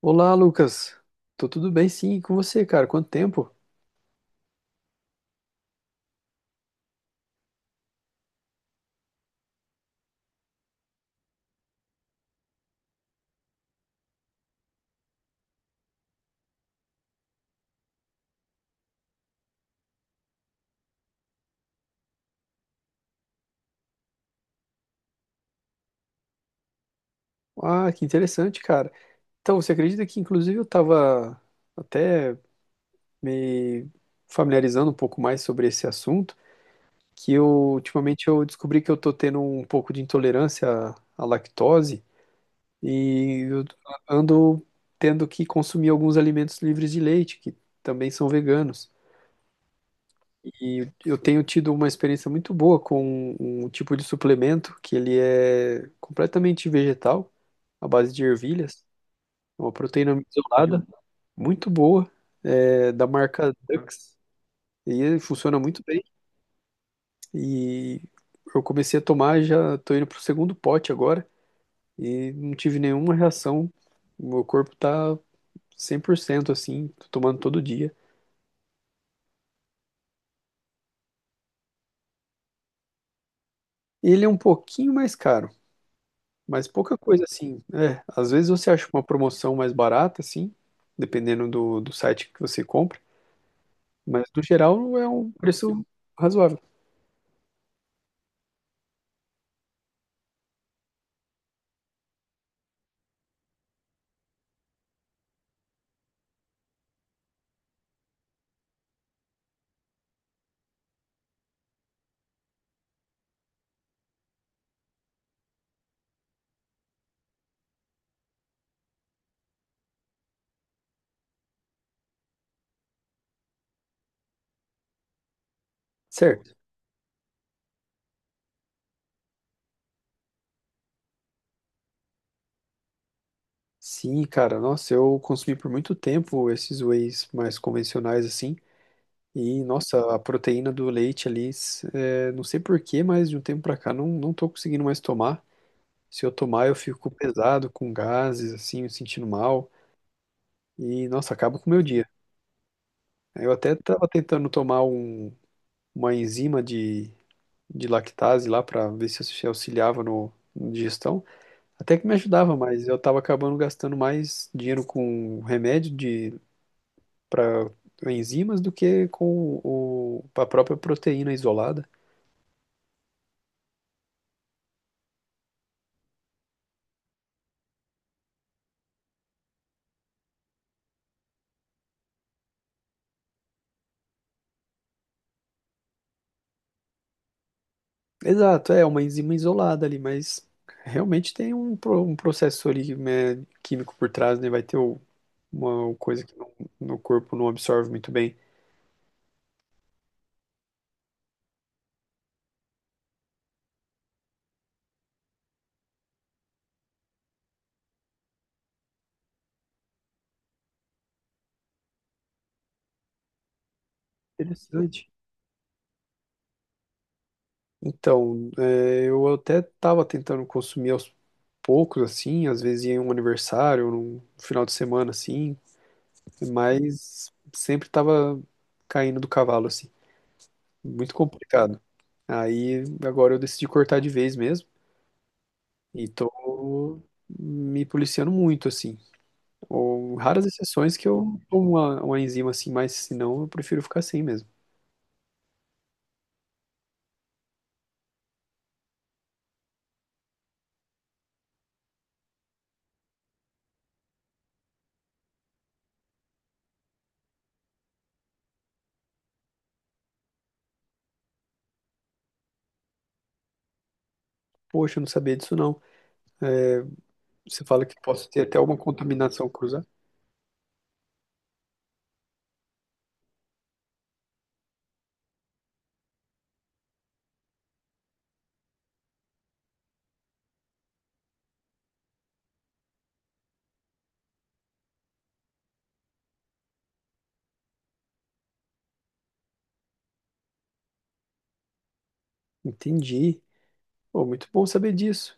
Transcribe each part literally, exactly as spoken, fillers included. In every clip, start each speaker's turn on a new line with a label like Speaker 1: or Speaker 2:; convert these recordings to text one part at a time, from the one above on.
Speaker 1: Olá, Lucas. Tô tudo bem, sim, e com você, cara? Quanto tempo? Ah, que interessante, cara. Então, você acredita que, inclusive, eu tava até me familiarizando um pouco mais sobre esse assunto, que eu, ultimamente, eu descobri que eu tô tendo um pouco de intolerância à, à lactose e eu ando tendo que consumir alguns alimentos livres de leite, que também são veganos. E eu tenho tido uma experiência muito boa com um tipo de suplemento que ele é completamente vegetal, à base de ervilhas, uma proteína isolada, muito boa, é, da marca Dux. E ele funciona muito bem. E eu comecei a tomar, já estou indo para o segundo pote agora e não tive nenhuma reação. O meu corpo está cem por cento assim, tô tomando todo dia. Ele é um pouquinho mais caro. Mas pouca coisa assim. É, às vezes você acha uma promoção mais barata, assim, dependendo do, do site que você compra. Mas no geral é um preço razoável. Certo. Sim, cara, nossa, eu consumi por muito tempo esses wheys mais convencionais, assim. E, nossa, a proteína do leite ali, s- é, não sei por quê, mas de um tempo pra cá não, não tô conseguindo mais tomar. Se eu tomar, eu fico pesado, com gases, assim, me sentindo mal. E, nossa, acaba com o meu dia. Eu até tava tentando tomar um uma enzima de, de lactase lá para ver se se auxiliava no, na digestão. Até que me ajudava, mas eu estava acabando gastando mais dinheiro com remédio de para enzimas do que com o, a própria proteína isolada. Exato, é uma enzima isolada ali, mas realmente tem um, pro- um processo ali, né, químico por trás, né? Vai ter o- uma coisa que no, no corpo não absorve muito bem. Interessante. Então, é, eu até estava tentando consumir aos poucos, assim, às vezes ia em um aniversário, num final de semana, assim, mas sempre estava caindo do cavalo, assim, muito complicado. Aí agora eu decidi cortar de vez mesmo e tô me policiando muito, assim. Ou raras exceções que eu tomo uma, uma enzima assim, mas senão eu prefiro ficar sem mesmo. Poxa, eu não sabia disso não. Eh, Você fala que possa ter até uma contaminação cruzada? Entendi. Pô, muito bom saber disso.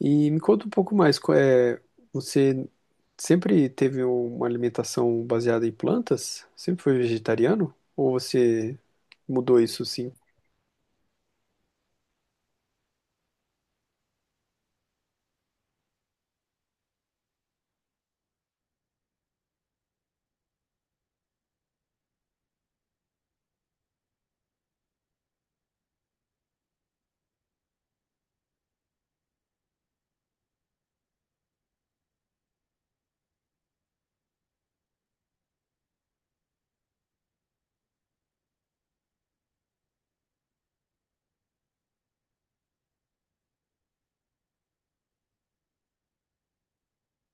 Speaker 1: E me conta um pouco mais, qual é, você sempre teve uma alimentação baseada em plantas? Sempre foi vegetariano? Ou você mudou isso sim.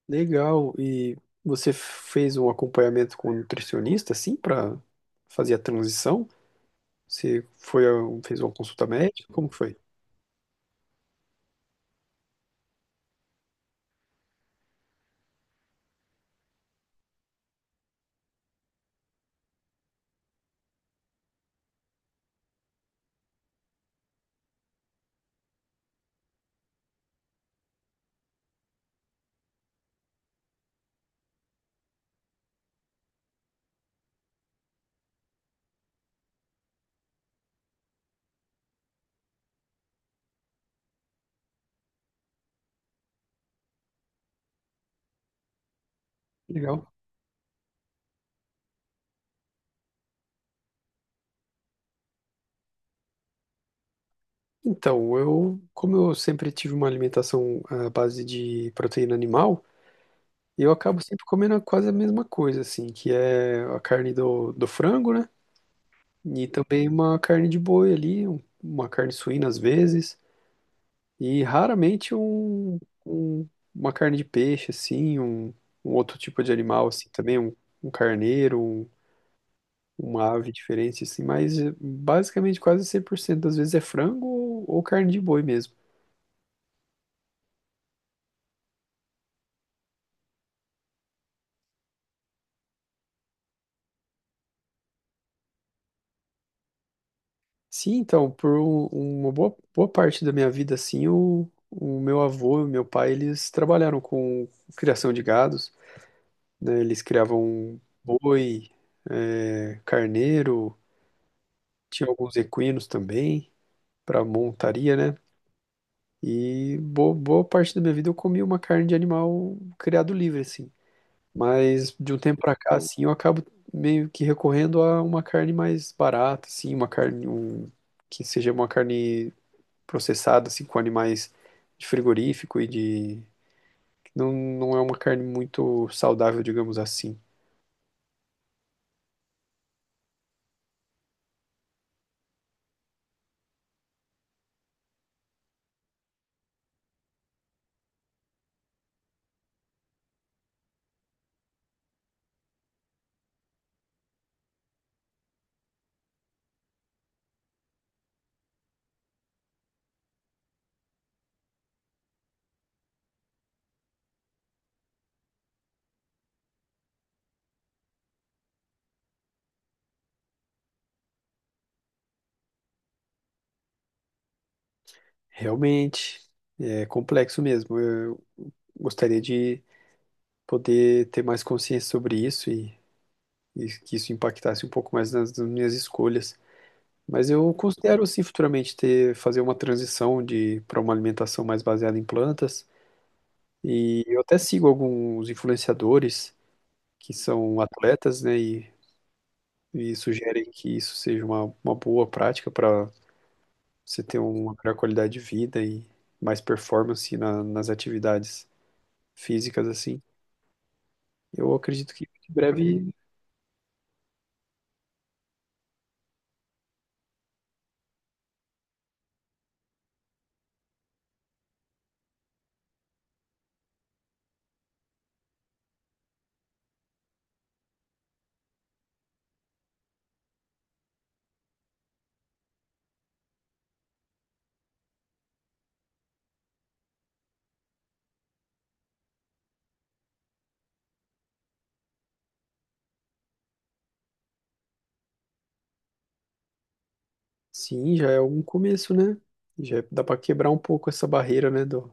Speaker 1: Legal. E você fez um acompanhamento com um nutricionista, assim, para fazer a transição? Você foi, a- fez uma consulta médica? Como que foi? Legal. Então, eu, como eu sempre tive uma alimentação à base de proteína animal, eu acabo sempre comendo quase a mesma coisa, assim, que é a carne do, do frango, né? E também uma carne de boi ali, um- uma carne suína às vezes. E raramente um, um- uma carne de peixe, assim, um, um outro tipo de animal, assim, também, um, um carneiro, um- uma ave diferente, assim, mas eh, basicamente quase cem por cento das vezes é frango ou, ou carne de boi mesmo. Sim, então, por um- uma boa, boa parte da minha vida, assim, o, o meu avô e o meu pai, eles trabalharam com criação de gados, né, eles criavam boi, eh, carneiro, tinha alguns equinos também, para montaria, né? E bo- boa parte da minha vida eu comi uma carne de animal criado livre, assim. Mas de um tempo pra cá, assim, eu acabo meio que recorrendo a uma carne mais barata, assim, uma carne um, que seja uma carne processada, assim, com animais de frigorífico e de... Não, não é uma carne muito saudável, digamos assim. Realmente, é complexo mesmo. Eu gostaria de poder ter mais consciência sobre isso e, e que isso impactasse um pouco mais nas nas minhas escolhas. Mas eu considero sim futuramente ter fazer uma transição de para uma alimentação mais baseada em plantas. E eu até sigo alguns influenciadores que são atletas, né, e, e sugerem que isso seja uma, uma boa prática para você ter uma melhor qualidade de vida e mais performance na- nas atividades físicas assim. Eu acredito que em breve, sim, já é algum começo, né? Já dá para quebrar um pouco essa barreira, né, do,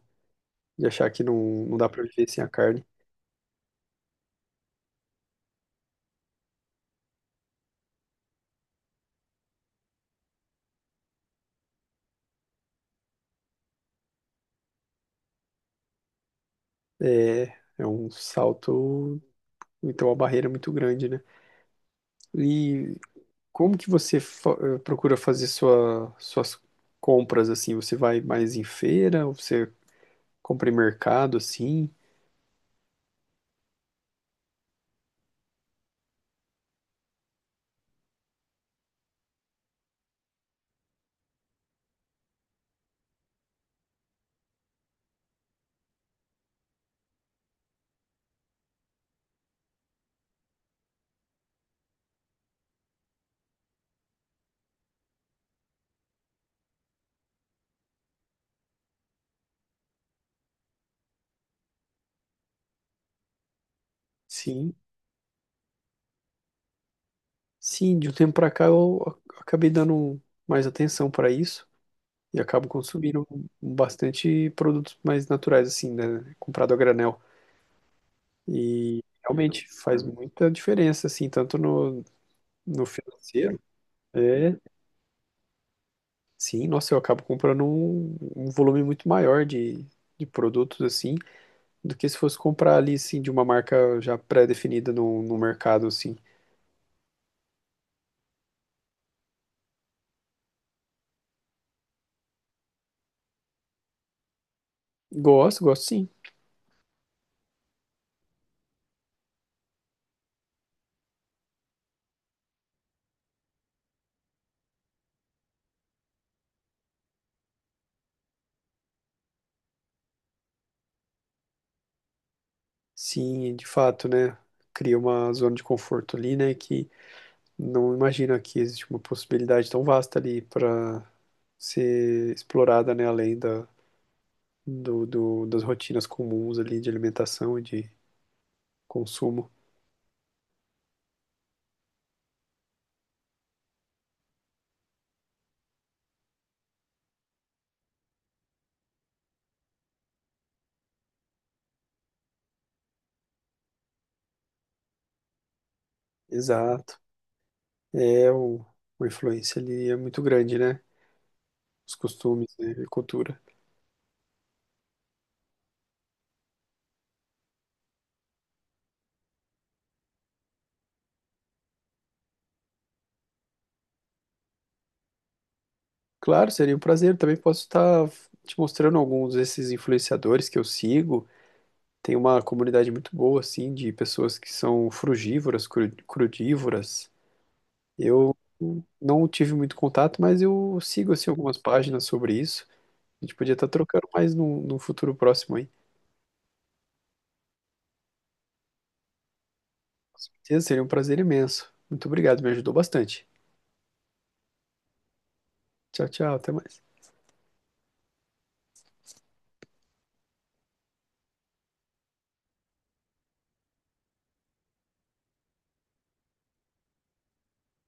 Speaker 1: de achar que não, não dá para viver sem a carne. É, é um salto, então uma barreira muito grande, né? E como que você fa- eh, procura fazer sua, suas compras assim? Você vai mais em feira, ou você compra em mercado assim? Sim, sim, de um tempo para cá eu ac- acabei dando mais atenção para isso e acabo consumindo bastante produtos mais naturais assim, né? Comprado a granel. E realmente faz muita diferença assim, tanto no, no financeiro. é, Sim, nossa, eu acabo comprando um, um volume muito maior de, de produtos, assim, do que se fosse comprar ali, assim, de uma marca já pré-definida no, no mercado, assim. Gosto, gosto sim. Sim, de fato, né? Cria uma zona de conforto ali, né? Que não imagina que existe uma possibilidade tão vasta ali para ser explorada, né? Além da, do, do- das rotinas comuns ali de alimentação e de consumo. Exato. É, o, a influência ali é muito grande, né? Os costumes, né, e cultura. Claro, seria um prazer. Também posso estar te mostrando alguns desses influenciadores que eu sigo. Tem uma comunidade muito boa, assim, de pessoas que são frugívoras, cru- crudívoras. Eu não tive muito contato, mas eu sigo, assim, algumas páginas sobre isso. A gente podia estar trocando mais num, num futuro próximo, hein? Seria um prazer imenso. Muito obrigado, me ajudou bastante. Tchau, tchau, até mais.